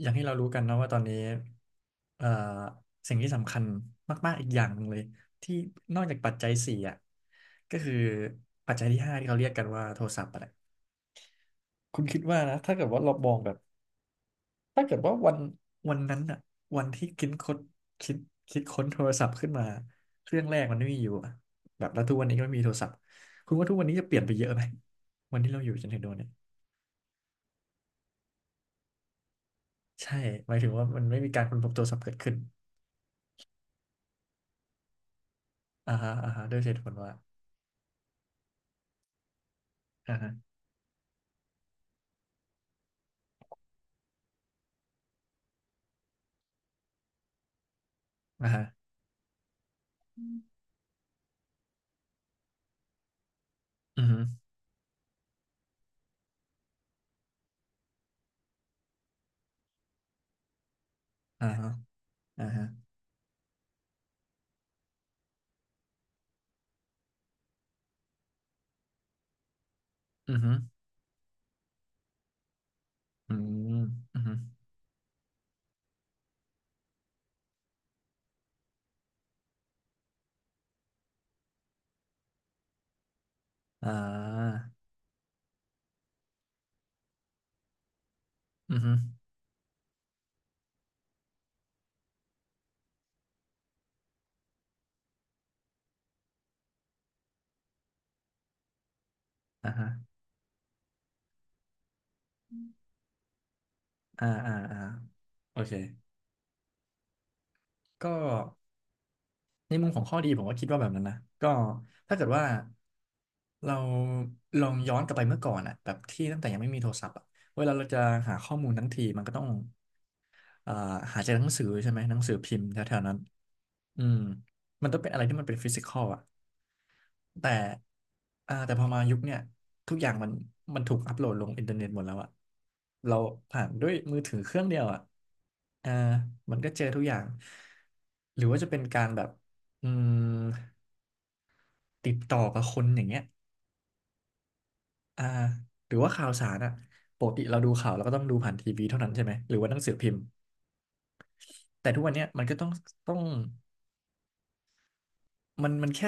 อย่างที่เรารู้กันนะว่าตอนนี้เอ่อสิ่งที่สำคัญมากๆอีกอย่างหนึ่งเลยที่นอกจากปัจจัยสี่อ่ะก็คือปัจจัยที่ห้าที่เขาเรียกกันว่าโทรศัพท์อะไรคุณคิดว่านะถ้าเกิดว่าเรามองแบบถ้าเกิดว่าวันนั้นอ่ะวันที่คิดค้นคิดคิดค้นโทรศัพท์ขึ้นมาเครื่องแรกมันไม่มีอยู่อะแบบแล้วทุกวันนี้ก็ไม่มีโทรศัพท์คุณว่าทุกวันนี้จะเปลี่ยนไปเยอะไหมวันที่เราอยู่จนถึงโดนเนี่ยใช่หมายถึงว่ามันไม่มีการค้นพบโทรศัพท์เกิดขึ้นอ่าฮะอ่าฮะด้วยเหตุผลว่าอ่า อ่าฮะอือฮึอ่าฮะอ่าฮะอือฮึอืมอือฮึอ่าอือฮึอ่าฮะอ่าอ่าอ่าโอเคก็ในมุมของข้อดีผมก็คิดว่าแบบนั้นนะก็ถ้าเกิดว่าเราลองย้อนกลับไปเมื่อก่อนอะแบบที่ตั้งแต่ยังไม่มีโทรศัพท์อะเวลาเราจะหาข้อมูลทั้งทีมันก็ต้องอ่าหาจากหนังสือใช่ไหมหนังสือพิมพ์แถวๆนั้นอืมมันต้องเป็นอะไรที่มันเป็นฟิสิกอลอะ แต่อ่าแต่พอมายุคเนี่ยทุกอย่างมันถูกอัปโหลดลงอินเทอร์เน็ตหมดแล้วอะเราผ่านด้วยมือถือเครื่องเดียวอะอ่ามันก็เจอทุกอย่างหรือว่าจะเป็นการแบบอืมติดต่อกับคนอย่างเงี้ยอ่าหรือว่าข่าวสารอะปกติเราดูข่าวเราก็ต้องดูผ่านทีวีเท่านั้นใช่ไหมหรือว่าหนังสือพิมพ์แต่ทุกวันเนี้ยมันก็ต้องต้อง มันแค่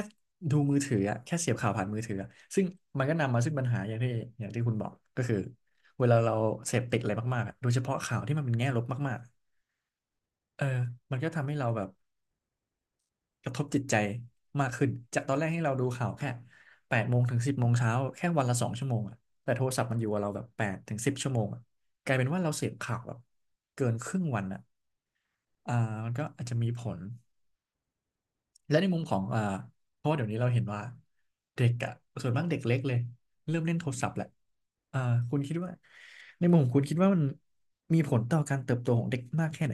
ดูมือถืออะแค่เสียบข่าวผ่านมือถืออะซึ่งมันก็นำมาซึ่งปัญหาอย่างที่อย่างที่คุณบอกก็คือเวลาเราเสพติดอะไรมากๆอะโดยเฉพาะข่าวที่มันเป็นแง่ลบมากๆเออมันก็ทำให้เราแบบกระทบจิตใจมากขึ้นจากตอนแรกให้เราดูข่าวแค่8 โมงถึง10 โมงเช้าแค่วันละ2 ชั่วโมงอะแต่โทรศัพท์มันอยู่กับเราแบบ8 ถึง 10 ชั่วโมงอะกลายเป็นว่าเราเสพข่าวแบบเกินครึ่งวันอะอ่ามันก็อาจจะมีผล และในมุมของอ่าเพราะว่าเดี๋ยวนี้เราเห็นว่าเด็กอะส่วนมากเด็กเล็กเลยเริ่มเล่นโทรศัพท์แหละอ่าคุณคิดว่าในมุมของคุณคิดว่ามันมีผลต่อการเติบโตของเด็กมากแค่ไหน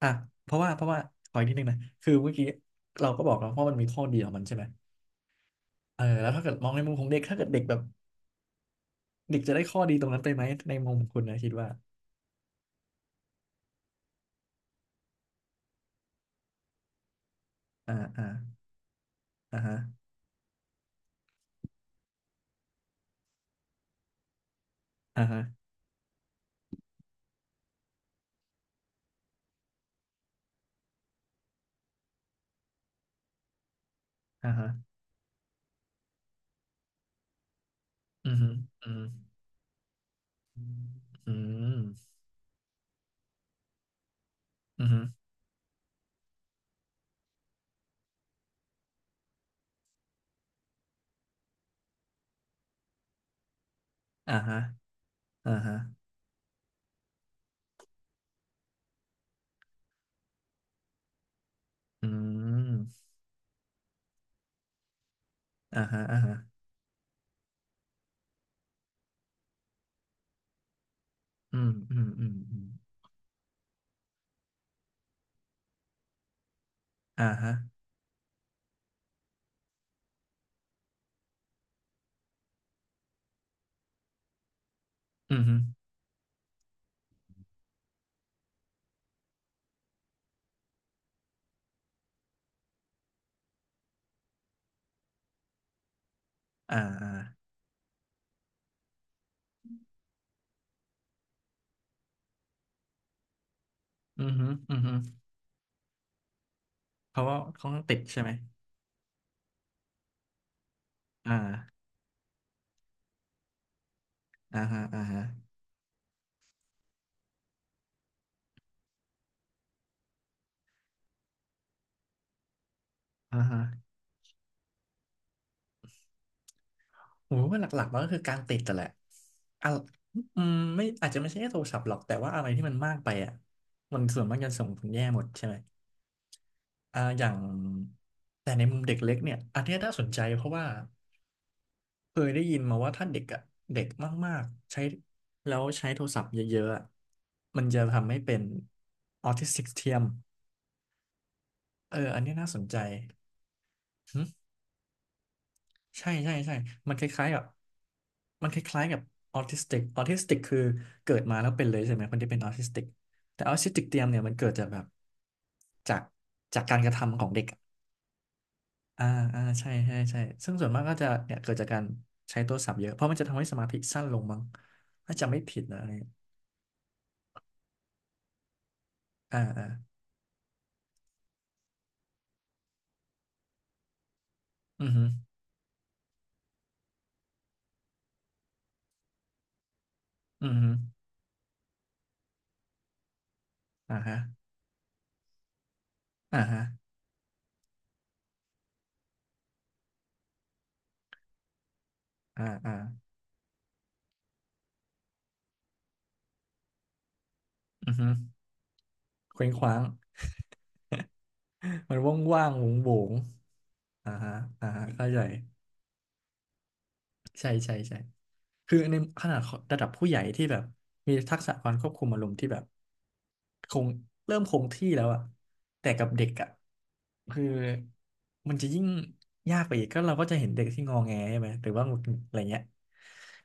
อ่ะเพราะว่าขออีกนิดนึงนะคือเมื่อกี้เราก็บอกแล้วว่ามันมีข้อดีของมันใช่ไหมเออแล้วถ้าเกิดมองในมุมของเด็กถ้าเกิดเด็กแบบเด็กจะได้ข้อดีตรงนั้นไปไหมในมุมของคุณนะคิดว่าอ่าอ่าอ่าฮะอ่าฮะอ่าฮะอืมอืมอืมอืมอืมอ่าฮะอ่าฮะอืม อ่าฮะอ่าฮะอืมอืมอืมอืมอ่าฮะอืมฮึอ่าอ่าอืมฮึอืมฮึเพราะว่าเขาต้องติดใช่ไหมอ่าอ่าฮะอ่าฮะอ่าฮะโหว่าหลักๆมันก็คือการติดแต่นแหละอ่ะอืมไม่อาจจะไม่ใช่แค่โทรศัพท์หรอกแต่ว่าอะไรที่มันมากไปอ่ะมันส่วนมากจะส่งผลแย่หมดใช่ไหมอ่าอย่างแต่ในมุมเด็กเล็กเนี่ยอันเนี้ยน่าสนใจเพราะว่า เคยได้ยินมาว่าถ้าเด็กอะเด็กมากๆใช้แล้วใช้โทรศัพท์เยอะๆอะมันจะทำให้เป็นออทิสติกเทียมเอออันนี้น่าสนใจหึใช่ใช่ใช่มันคล้ายๆกับมันคล้ายๆกับออทิสติกออทิสติกคือเกิดมาแล้วเป็นเลยใช่ไหมคนทจ่เป็นออทิสติกแต่ออทิสติกเทียมเนี่ยมันเกิดจากแบบจากการกระทำของเด็กอะอ่าอ่าใช่ใช่ใช่ซึ่งส่วนมากก็จะเนี่ยเกิดจากการใช้โทรศัพท์เยอะเพราะมันจะทำให้สมาธิสั้นลงมั้งถ้าจำไม่ผิดนะอะไร อ่าอ่าอือฮึอือฮึอ่าฮะอ่าฮะอ่าอ่าอือฮึเคว้งคว้าง มันว่างว่างโหวงโหวงอ่าฮะ อ่าฮะเข้าใจ ใช่ใช่ใช่คือในขนาดระดับผู้ใหญ่ที่แบบมีทักษะการควบคุมอารมณ์ที่แบบคงเริ่มคงที่แล้วอะแต่กับเด็กอะคือมันจะยิ่งยากไปอีก ก็เราก็จะเห็นเด็กที่งอแงใช่ไหม หรือว่าหงุดหงิดอะไรเงี้ย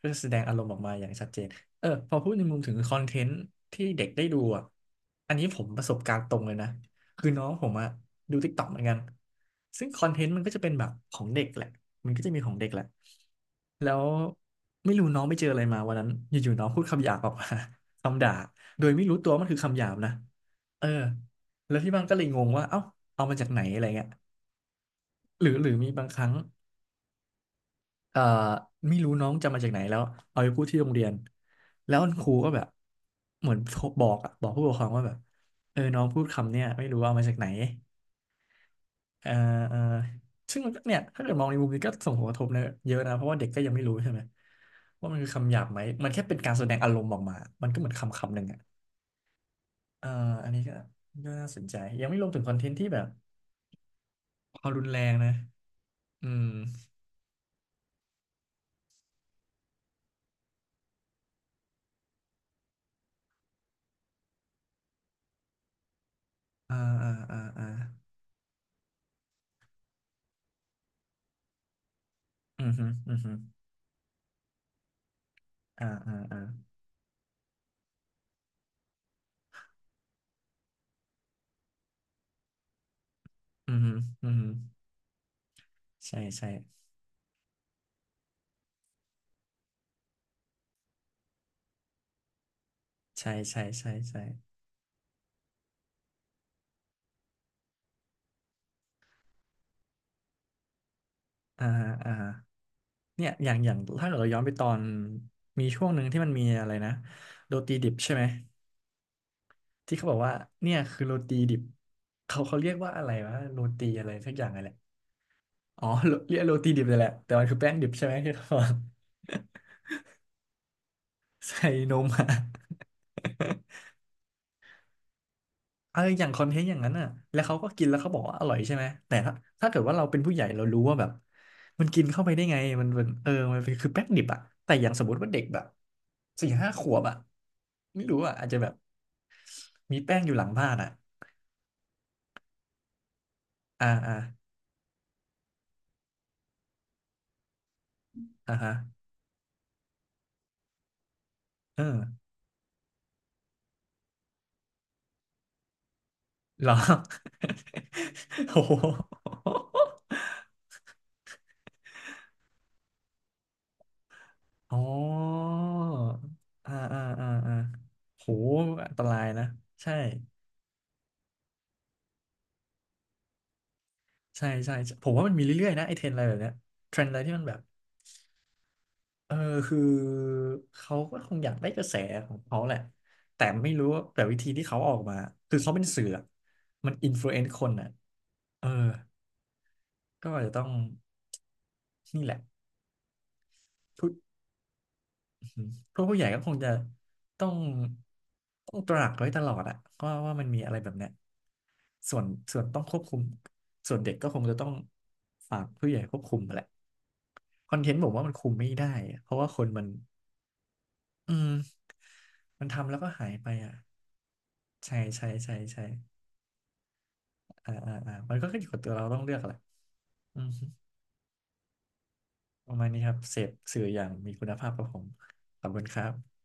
ก็จะแสดงอารมณ์ออกมาอย่างชัดเจนเออพอพูดในมุมถึงคอนเทนต์ที่เด็กได้ดูอะอันนี้ผมประสบการณ์ตรงเลยนะคือน้องผมอะดู t ิกต็อกเหมือนกันซึ่งคอนเทนต์มันก็จะเป็นแบบของเด็กแหละมันก็จะมีของเด็กแหละ แล้วไม่รู้น้องไปเจออะไรมาวันนั้นอยู่ๆน้องพูดคำหยาบออกมา คำด่าโดยไม่รู้ตัวว่ามันคือคำหยาบนะเออแล้วที่บ้านก็เลยงงว่าเอ้าเอามาจากไหนอะไรเงี้ยหรือมีบางครั้งเอ่อไม่รู้น้องจำมาจากไหนแล้วเอาไปพูดที่โรงเรียนแล้วคุณครูก็แบบเหมือนโทรบอกอะบอกผู้ปกครองว่าแบบเออน้องพูดคำเนี่ยไม่รู้ว่าเอามาจากไหน เอ่อเอ่อซึ่งมันก็เนี่ยถ้าเกิดมองในมุมนี้ก็ส่งผลกระทบเนอะเยอะนะ เพราะว่าเด็กก็ยังไม่รู้ใช่ไหมว่ามันคือคำหยาบไหมมันแค่เป็นการแสดงอารมณ์ออกมามันก็เหมือนคำคำหนึ่งอ่ะเอ่ออันนี้ก็น่าสนใจ ยังไม่รวมถึงคอนเทนต์ที่แบบความรุนแรงนะอืมอ่าอ่าอ่าอ่าอืมฮึอืมฮึอ่าอ่าอ่าอืมฮึอืมฮึใช่ใช่ใช่ใช่ใช่ใช่อ่าฮะอ่าฮะเนี่ยอย่างถ้าเกิดเราย้อนไปตอนมีช่วงหนึ่งที่มันมีอะไรนะโดตีดิบใช่ไหม ที่เขาบอกว่าเนี่ยคือโรตีดิบเขาเรียกว่าอะไรวะโรตีอะไรสักอย่างอะไรแหละอ๋อโรเรียกโรตีดิบเลยแหละแต่มันคือแป้งดิบใช่ไหมที่เขาบอก ใส่นมอะ เอออย่างคอนเทนต์อย่างนั้นน่ะแล้วเขาก็กินแล้วเขาบอกว่าอร่อยใช่ไหมแต่ถ้าเกิดว่าเราเป็นผู้ใหญ่เรารู้ว่าแบบมันกินเข้าไปได้ไงมันเป็นมันเป็นคือแป้งดิบอะแต่อย่างสมมติว่าเด็กแบบสี่ห้าขวบอะไม่รู้อะอาจจะแบบมีแป้งอยู่หลังบ้านอะอ่าอ่าอ่าฮะเออ เหรอ โอ้โหอ๋ออ่าอ่าอ่าอ่าโหอันตรายนะใช่ใช่ใช่ใช่ผมว่ามันมีเรื่อยๆ นะไอเทรนด์อะไรแบบเนี้ยเทรนด์อะไรที่มันแบบเออคือเขาก็คงอยากได้กระแสของเขาแหละ แต่ไม่รู้ว่าแต่วิธีที่เขาออกมาคือเขาเป็นสื่ออะมันอิม l u e n เอน์คนอ่ะเออก็อาจจะต้องนี่แหละ อืมพวกผู้ใหญ่ก็คงจะต้องตราักไว้ตลอดอะก็ว่ามันมีอะไรแบบเนี้ยส่วนส่วนต้องควบคุมส่วนเด็กก็คงจะต้องฝากผู้ใหญ่ควบคุมแหละคอนเทนต์ผมว่ามันคุมไม่ได้อะเพราะว่าคนมันอืมมันทำแล้วก็หายไปอ่ะใช่ใช่ใช่ใช่อ่าอ่าอ่ามันก็ขึ้นอยู่กับตัวเราต้องเลือกแหละอืมฮึประมาณนี้ครับเสพสื่ออย่างมีคุณภาพครับผมขอบคุณครับ